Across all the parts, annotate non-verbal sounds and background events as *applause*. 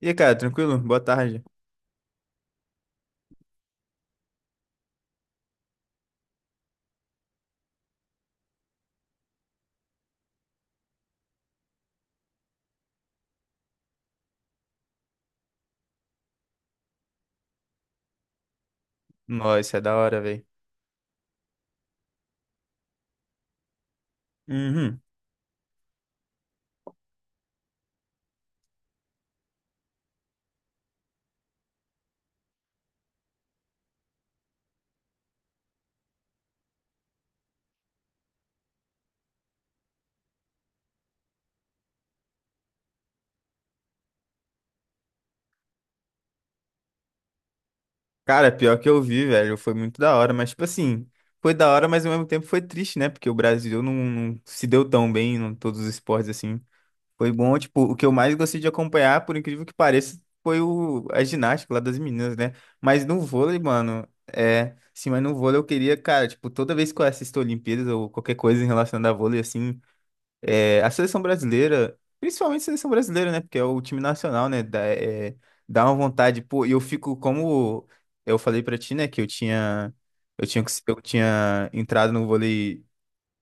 E aí, cara, tranquilo? Boa tarde. Nossa, isso é da hora, velho. Uhum. Cara, pior que eu vi, velho, foi muito da hora, mas, tipo assim, foi da hora, mas ao mesmo tempo foi triste, né? Porque o Brasil não se deu tão bem em todos os esportes, assim. Foi bom, tipo, o que eu mais gostei de acompanhar, por incrível que pareça, foi a ginástica lá das meninas, né? Mas no vôlei, mano, é. Sim, mas no vôlei eu queria, cara, tipo, toda vez que eu assisto Olimpíadas ou qualquer coisa relacionada a vôlei, assim. É, a seleção brasileira, principalmente a seleção brasileira, né? Porque é o time nacional, né? Dá, é, dá uma vontade, pô, e eu fico como eu falei pra ti, né? Que eu tinha, eu tinha, eu tinha entrado no vôlei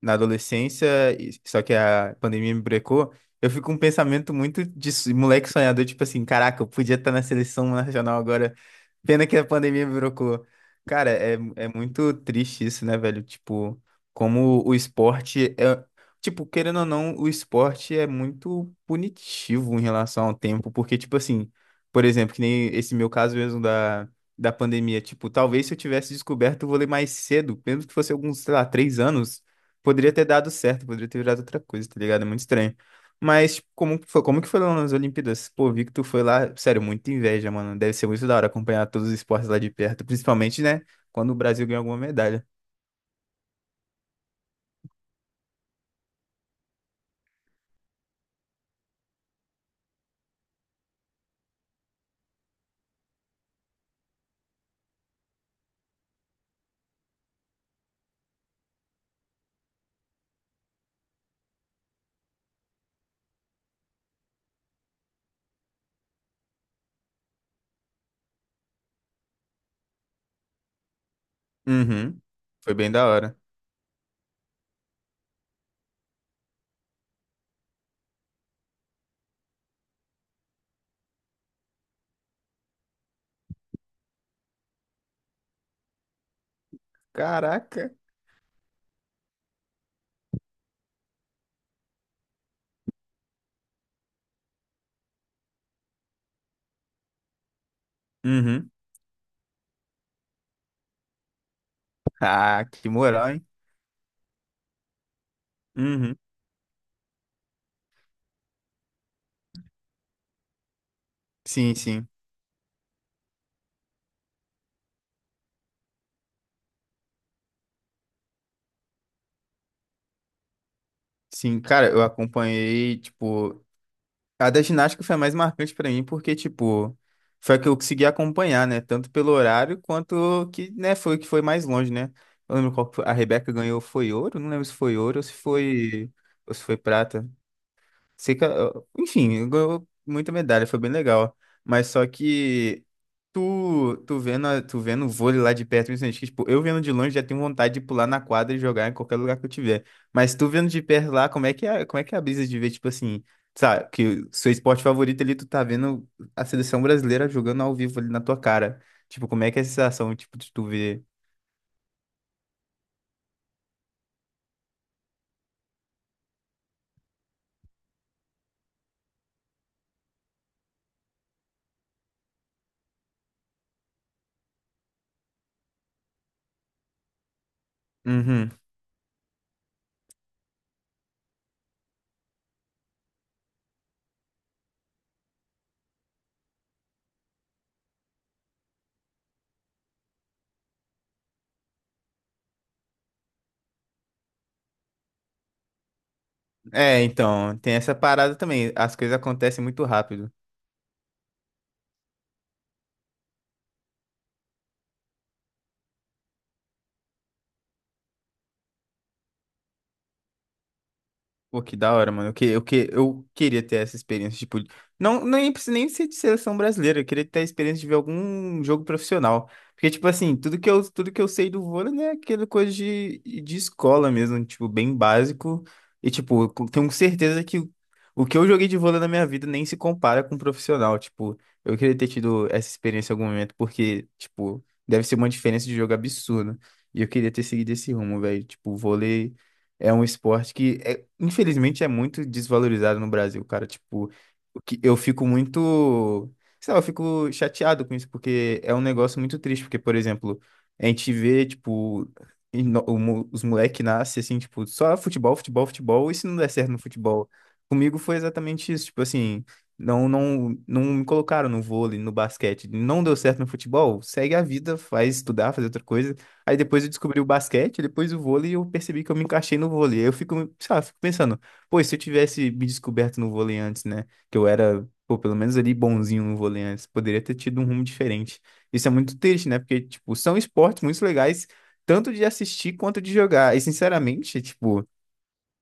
na adolescência, só que a pandemia me brecou, eu fico com um pensamento muito de moleque sonhador, tipo assim, caraca, eu podia estar na seleção nacional agora, pena que a pandemia me brecou. Cara, é muito triste isso, né, velho? Tipo, como o esporte é. Tipo, querendo ou não, o esporte é muito punitivo em relação ao tempo, porque, tipo assim, por exemplo, que nem esse meu caso mesmo da pandemia, tipo, talvez se eu tivesse descoberto o vôlei mais cedo, mesmo que fosse alguns, sei lá, três anos, poderia ter dado certo, poderia ter virado outra coisa, tá ligado? É muito estranho. Mas tipo, como que foi lá nas Olimpíadas? Pô, vi que tu foi lá, sério, muita inveja, mano. Deve ser muito da hora acompanhar todos os esportes lá de perto, principalmente, né, quando o Brasil ganha alguma medalha. Uhum. Foi bem da hora. Caraca. Uhum. Ah, que moral, hein? Uhum. Sim, sim. Sim, cara, eu acompanhei, tipo, a da ginástica foi a mais marcante pra mim, porque, tipo, foi a que eu consegui acompanhar, né? Tanto pelo horário quanto que, né, foi o que foi mais longe, né? Eu lembro qual que foi. A Rebeca ganhou, foi ouro? Não lembro se foi ouro ou se foi prata. Sei que, enfim, ganhou muita medalha, foi bem legal. Mas só que tu vendo, tu vendo o vôlei lá de perto, principalmente, que, tipo, eu vendo de longe já tenho vontade de pular na quadra e jogar em qualquer lugar que eu tiver. Mas tu vendo de perto lá, como é que é a brisa de ver, tipo assim, sabe, que o seu esporte favorito ali, tu tá vendo a seleção brasileira jogando ao vivo ali na tua cara. Tipo, como é que é a sensação, tipo, de tu ver? Uhum. É, então, tem essa parada também. As coisas acontecem muito rápido. Pô, que da hora, mano. Eu queria ter essa experiência, tipo, não, nem precisa nem ser de seleção brasileira, eu queria ter a experiência de ver algum jogo profissional. Porque, tipo assim, tudo que eu sei do vôlei, né, é aquela coisa de escola mesmo, tipo, bem básico. E, tipo, tenho certeza que o que eu joguei de vôlei na minha vida nem se compara com um profissional. Tipo, eu queria ter tido essa experiência em algum momento, porque, tipo, deve ser uma diferença de jogo absurda. E eu queria ter seguido esse rumo, velho. Tipo, vôlei. É um esporte que, infelizmente, é muito desvalorizado no Brasil, cara. Tipo, o que eu fico muito. Sei lá, eu fico chateado com isso, porque é um negócio muito triste. Porque, por exemplo, a gente vê, tipo, os moleques nascem assim, tipo, só futebol, futebol, futebol, e se não der certo no futebol? Comigo foi exatamente isso. Tipo assim, não me colocaram no vôlei, no basquete. Não deu certo no futebol, segue a vida, faz estudar, fazer outra coisa. Aí depois eu descobri o basquete, depois o vôlei, e eu percebi que eu me encaixei no vôlei. Aí eu fico, sei lá, fico pensando, pô, e se eu tivesse me descoberto no vôlei antes, né? Que eu era, pô, pelo menos ali bonzinho no vôlei antes, poderia ter tido um rumo diferente. Isso é muito triste, né? Porque, tipo, são esportes muito legais, tanto de assistir quanto de jogar. E, sinceramente, tipo.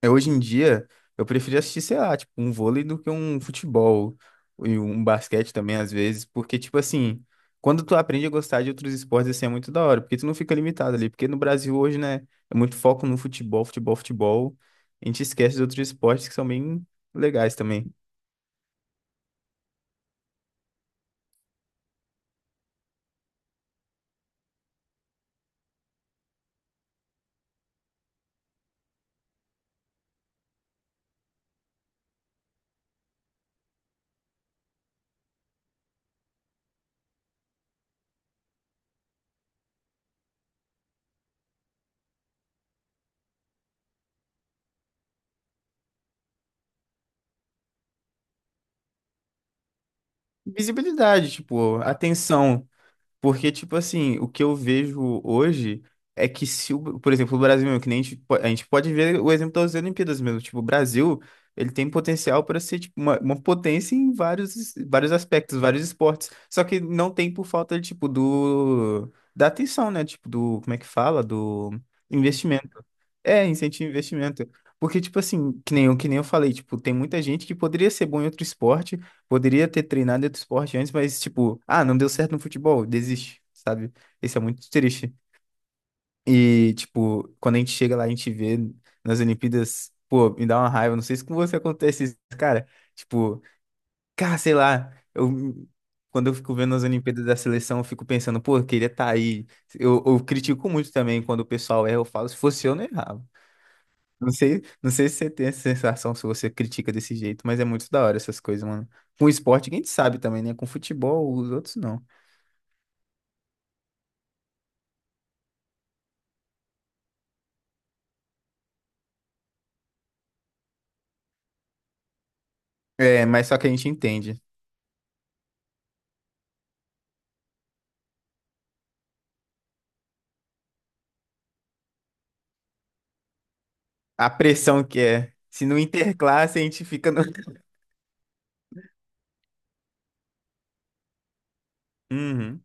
É, hoje em dia, eu prefiro assistir, sei lá, tipo, um vôlei do que um futebol e um basquete também, às vezes, porque, tipo assim, quando tu aprende a gostar de outros esportes, assim, é muito da hora, porque tu não fica limitado ali, porque no Brasil hoje, né, é muito foco no futebol, futebol, futebol, a gente esquece de outros esportes que são bem legais também. Visibilidade, tipo, atenção. Porque, tipo assim, o que eu vejo hoje é que se, o, por exemplo, o Brasil, mesmo, que nem a gente, a gente pode ver o exemplo das Olimpíadas mesmo. Tipo, o Brasil, ele tem potencial para ser tipo, uma potência em vários, vários aspectos, vários esportes. Só que não tem por falta, tipo, da atenção, né? Tipo, do, como é que fala? Do investimento. É, incentivo ao investimento. Porque, tipo assim, que nem eu falei, tipo, tem muita gente que poderia ser bom em outro esporte, poderia ter treinado em outro esporte antes, mas, tipo, ah, não deu certo no futebol, desiste, sabe? Isso é muito triste. E, tipo, quando a gente chega lá, a gente vê nas Olimpíadas, pô, me dá uma raiva, não sei se com você acontece isso, cara. Tipo, cara, sei lá, eu. Quando eu fico vendo as Olimpíadas da seleção, eu fico pensando, pô, eu queria estar aí. Eu critico muito também quando o pessoal erra, eu falo, se fosse eu, não errava. Não sei se você tem essa sensação, se você critica desse jeito, mas é muito da hora essas coisas, mano. Com esporte, quem sabe também, né? Com futebol, os outros não. É, mas só que a gente entende. A pressão que é. Se não interclasse, a gente fica no. *laughs* Uhum.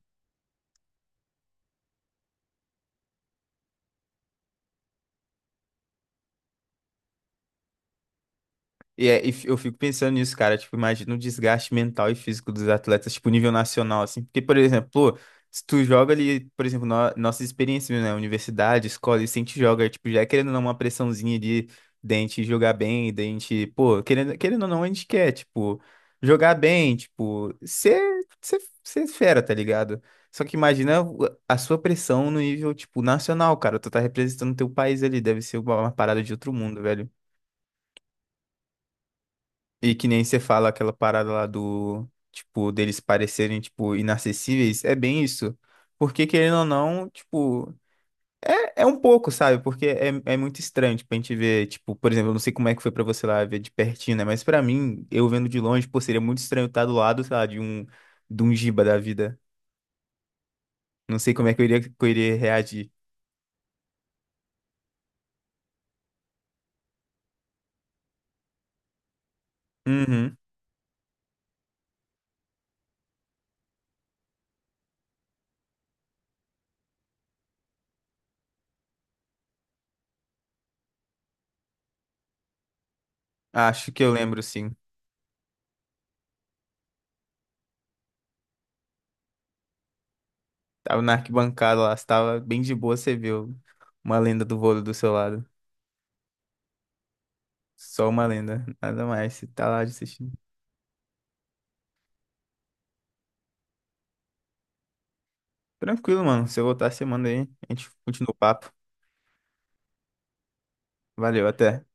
Eu fico pensando nisso, cara. Tipo, imagina o desgaste mental e físico dos atletas, tipo, nível nacional, assim. Porque, por exemplo, pô, se tu joga ali, por exemplo, no, nossas experiências, né? Universidade, escola, e se a gente joga, tipo, já é querendo ou não uma pressãozinha de dente jogar bem, dente, pô, querendo, querendo ou não, a gente quer, tipo, jogar bem, tipo, ser, ser fera, tá ligado? Só que imagina a sua pressão no nível, tipo, nacional, cara. Tu tá representando teu país ali, deve ser uma parada de outro mundo, velho. E que nem você fala aquela parada lá do, tipo, deles parecerem, tipo, inacessíveis, é bem isso. Porque, querendo ou não, tipo, é, é um pouco, sabe? Porque é muito estranho, tipo, a gente ver, tipo, por exemplo, eu não sei como é que foi pra você lá ver de pertinho, né? Mas pra mim, eu vendo de longe, pô, seria muito estranho estar do lado, sei lá, de um Giba da vida. Não sei como é que eu iria reagir. Uhum. Acho que eu lembro, sim. Tava na arquibancada lá, você tava bem de boa, você viu uma lenda do vôlei do seu lado. Só uma lenda, nada mais. Você tá lá de assistindo. Tranquilo, mano. Se eu voltar, você manda aí. A gente continua o papo. Valeu, até.